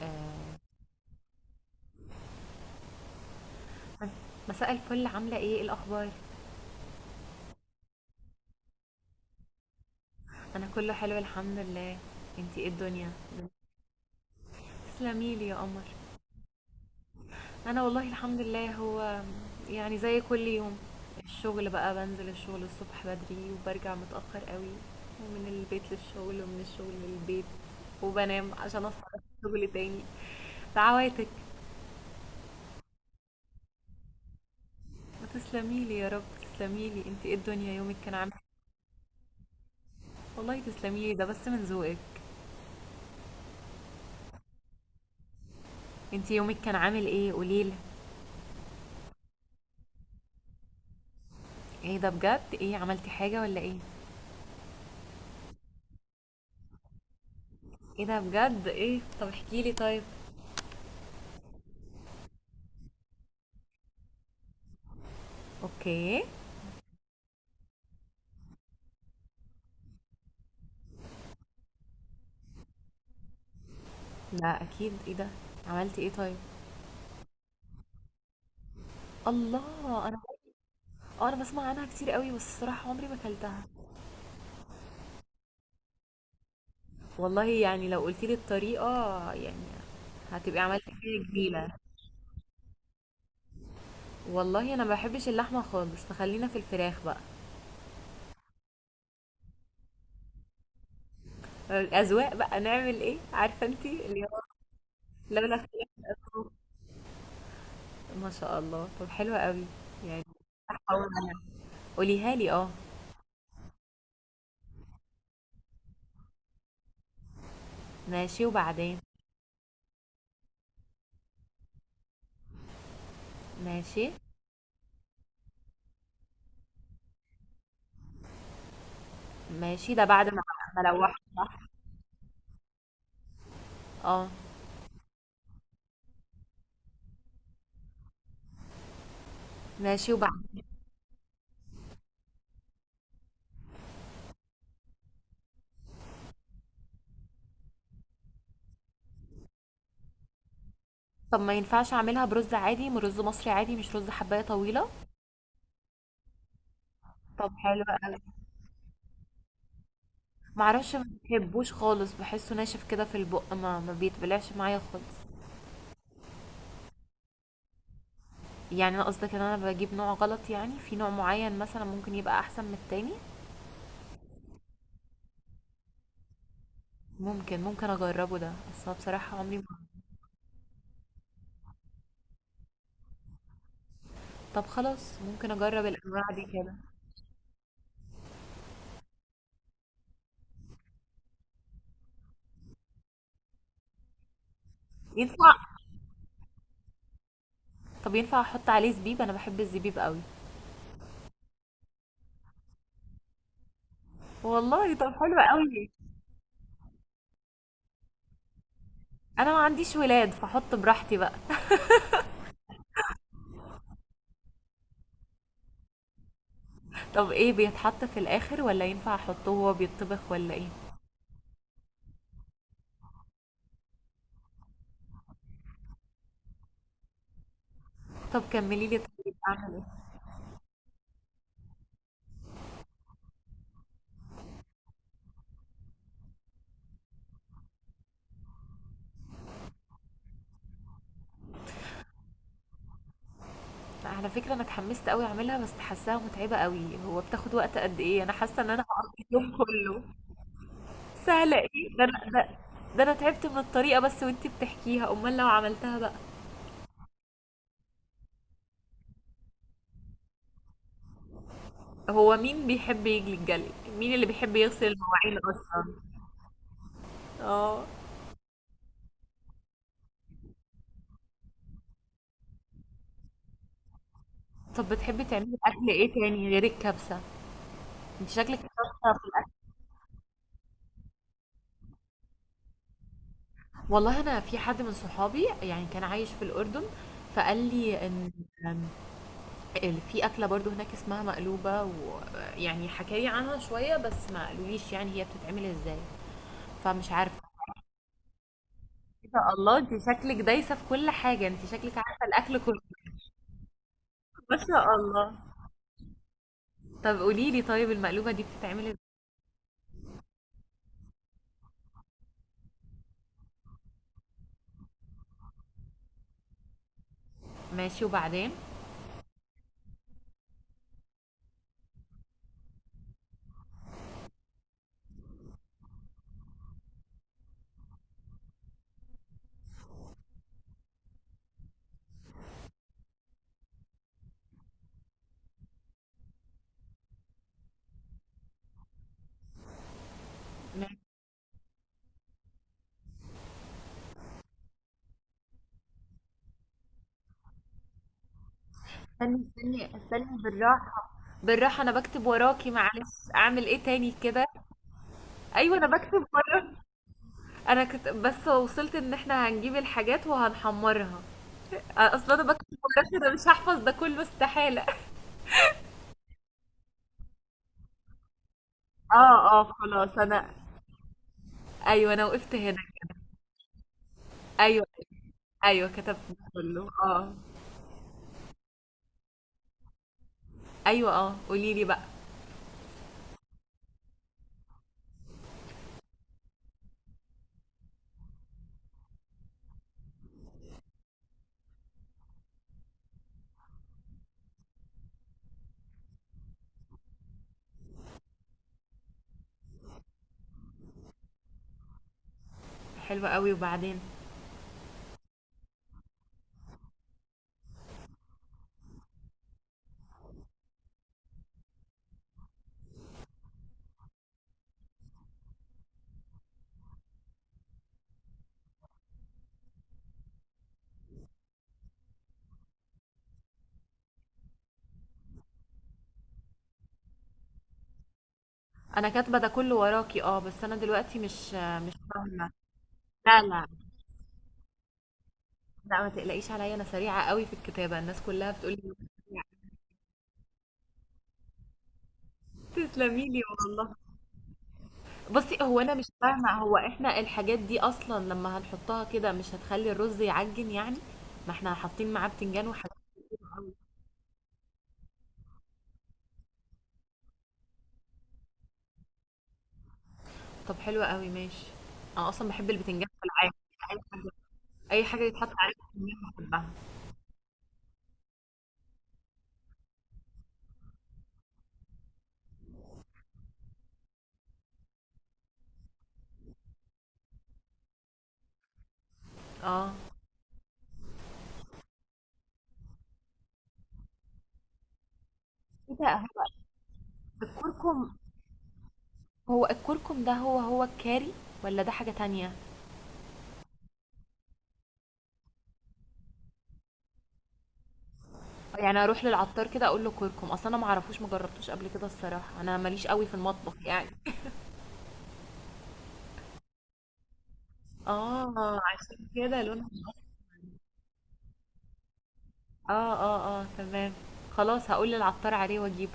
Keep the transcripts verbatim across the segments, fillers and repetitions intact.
آآ مساء الفل عاملة إيه؟ إيه الأخبار؟ أنا كله حلو الحمد لله، أنتِ إيه الدنيا؟ تسلمي لي يا قمر، أنا والله الحمد لله هو يعني زي كل يوم، الشغل بقى بانزل الشغل الصبح بدري وبارجع متأخر أوي، ومن البيت للشغل ومن الشغل للبيت، وبانام عشان أصحى أروح الشغل تاني، دعواتك، تسلمي لي يا رب، تسلمي لي، أنتِ إيه الدنيا يومك كان عامل إيه؟ والله تسلمي لي ده بس من ذوقك، أنتِ يومك كان عامل إيه؟ قولي لي. ايه ده بجد ايه عملتي حاجة ولا ايه؟ ايه ده بجد ايه طب احكي لي طيب. اوكي. لا اكيد ايه ده، عملتي ايه طيب؟ الله انا آه، انا بسمع عنها كتير قوي بس الصراحة عمري ما اكلتها. والله يعني لو قلتي لي الطريقة يعني هتبقي عملتي حاجة جميلة. والله انا ما بحبش اللحمة خالص فخلينا في الفراخ بقى. الاذواق بقى نعمل ايه عارفة انتي اللي هو لولا اختلاف الأذواق. ما شاء الله طب حلوة قوي يعني. هحاول انا، قوليها لي اه. ماشي وبعدين. ماشي، ماشي، ده بعد ما ما لوحت صح؟ آه، ماشي وبعدين؟ طب ما ينفعش أعملها برُز عادي، م رُز مصري عادي مش رُز حبّاية طويلة؟ طب حلو أوي، ما أعرفش ما باحبوش خالص، باحسّه ناشف كده في البُق ما ما بيتبلعش معايا خالص، يعني أنا قصدك إن أنا باجيب نوع غلط يعني، في نوع معيّن مثلًا ممكن يبقى أحسن من التاني؟ ممكن، ممكن أجرّبه ده، بس هو بصراحة عمري ما. طب خلاص ممكن أجرّب الأنواع دي كده، ينفع؟ طب ينفع أحُط عليه زبيب؟ أنا باحب الزبيب أوي. والله! طب حلو أوي. انا ما عنديش ولاد فاحط براحتي بقى. طب ايه بيتحط في الاخر ولا ينفع احطه وهو بيتطبخ ولا ايه؟ طب كملي لي طيب اعمل ايه؟ على فكره انا اتحمست قوي اعملها بس حاساها متعبه قوي، هو بتاخد وقت قد ايه؟ انا حاسه ان انا هقضي اليوم كله. سهله ايه ده، انا ده, ده انا تعبت من الطريقه بس وانتي بتحكيها، امال لو عملتها بقى. هو مين بيحب يجلي الجلي؟ مين اللي بيحب يغسل المواعين اصلا؟ اه. طب بتحبي تعملي اكل ايه تاني غير الكبسه؟ انت شكلك شاطره. والله أنا في حد من صحابي يعني كان عايش في الأردن فقال لي إن إن في أكلة برضو هناك اسمها مقلوبة ويعني حكى لي عنها شوية بس ما قالوليش يعني هي بتتعمل إزاي، فمش عارفة. إيه ده الله انت شكلك دايسة في كل حاجة، انت شكلك عارفة الأكل كله. ما شاء الله. طب قولي لي طيب المقلوبة دي بتتعمل إزاي؟ ماشي وبعدين. ماشي. استني استني استني بالراحة، بالراحة. أنا بكتب وراكي معلش، أعمل إيه تاني كده؟ أيوة أنا بكتب وراكي. انا كنت بس وصلت ان احنا هنجيب الحاجات وهنحمرها. اصلا انا بكتب مدرسة، انا مش هحفظ ده كله استحالة. اه اه خلاص انا. ايوه انا وقفت هنا. ايوه. ايوه كتبت ده كله اه. ايوه اه قولي لي بقى. حلوة قوي وبعدين. انا كاتبه ده كله وراكي اه بس انا دلوقتي مش. لا لا لا ما تقلقيش عليا، انا سريعه قوي في الكتابه الناس كلها بتقولي. تسلمي لي والله. بصي هو انا مش فاهمه، هو احنا الحاجات دي اصلا لما هنحطها كده مش هتخلي الرز يعجن يعني؟ ما احنا حاطين معاه بتنجان وحاجات. طب حلو قوي ماشي. انا اصلا بحب البتنجان في العادي، اي حاجه. اي حاجه يتحط عليها بتنجان بحبها. اه ايه ده هو الكركم؟ هو الكركم ده هو هو الكاري ولا ده حاجه تانية؟ يعني اروح للعطار كده اقول له كركم؟ اصلا انا ما اعرفوش ما جربتوش قبل كده الصراحه، انا ماليش قوي في المطبخ يعني. اه عشان كده لونه. اه اه اه تمام. خلاص هقول للعطار عليه واجيبه.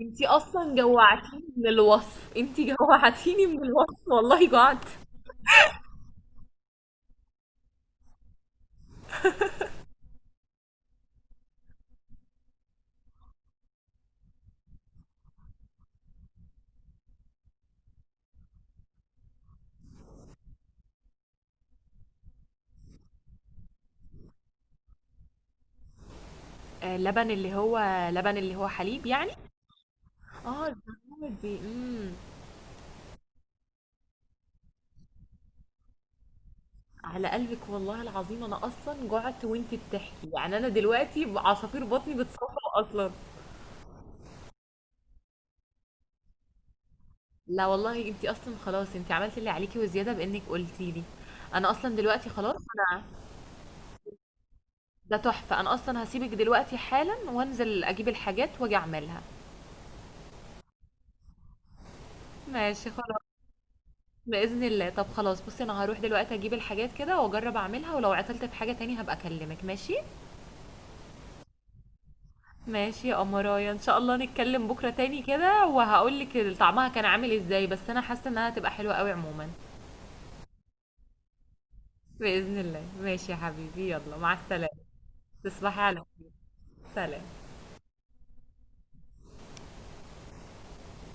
انتي اصلا جوعتيني من الوصف، انتي جوعتيني من الوصف والله جوعت. آه لبن اللي هو، لبن اللي هو حليب يعني؟ اه الزهور دي امم على قلبك والله العظيم، انا اصلا جوعت وانتي بتحكي، يعني انا دلوقتي عصافير بطني بتصفر اصلا. لا والله انتي اصلا خلاص انتي عملتي اللي عليكي وزياده بانك قلتي لي. انا اصلا دلوقتي خلاص انا. ده تحفه، انا اصلا هسيبك دلوقتي حالا وانزل اجيب الحاجات واجي اعملها. ماشي خلاص. بإذن الله. طب خلاص بصي انا هروح دلوقتي اجيب الحاجات كده واجرب اعملها، ولو عطلت في حاجة تاني هبقى اكلمك ماشي. ماشي يا أمرايا، ان شاء الله نتكلم بكرة تاني كده وهقولك طعمها كان عامل ازاي، بس انا حاسة انها هتبقى حلوة قوي عموما. بإذن الله ماشي يا حبيبي، يلا مع السلامة. تصبحي على خير. سلام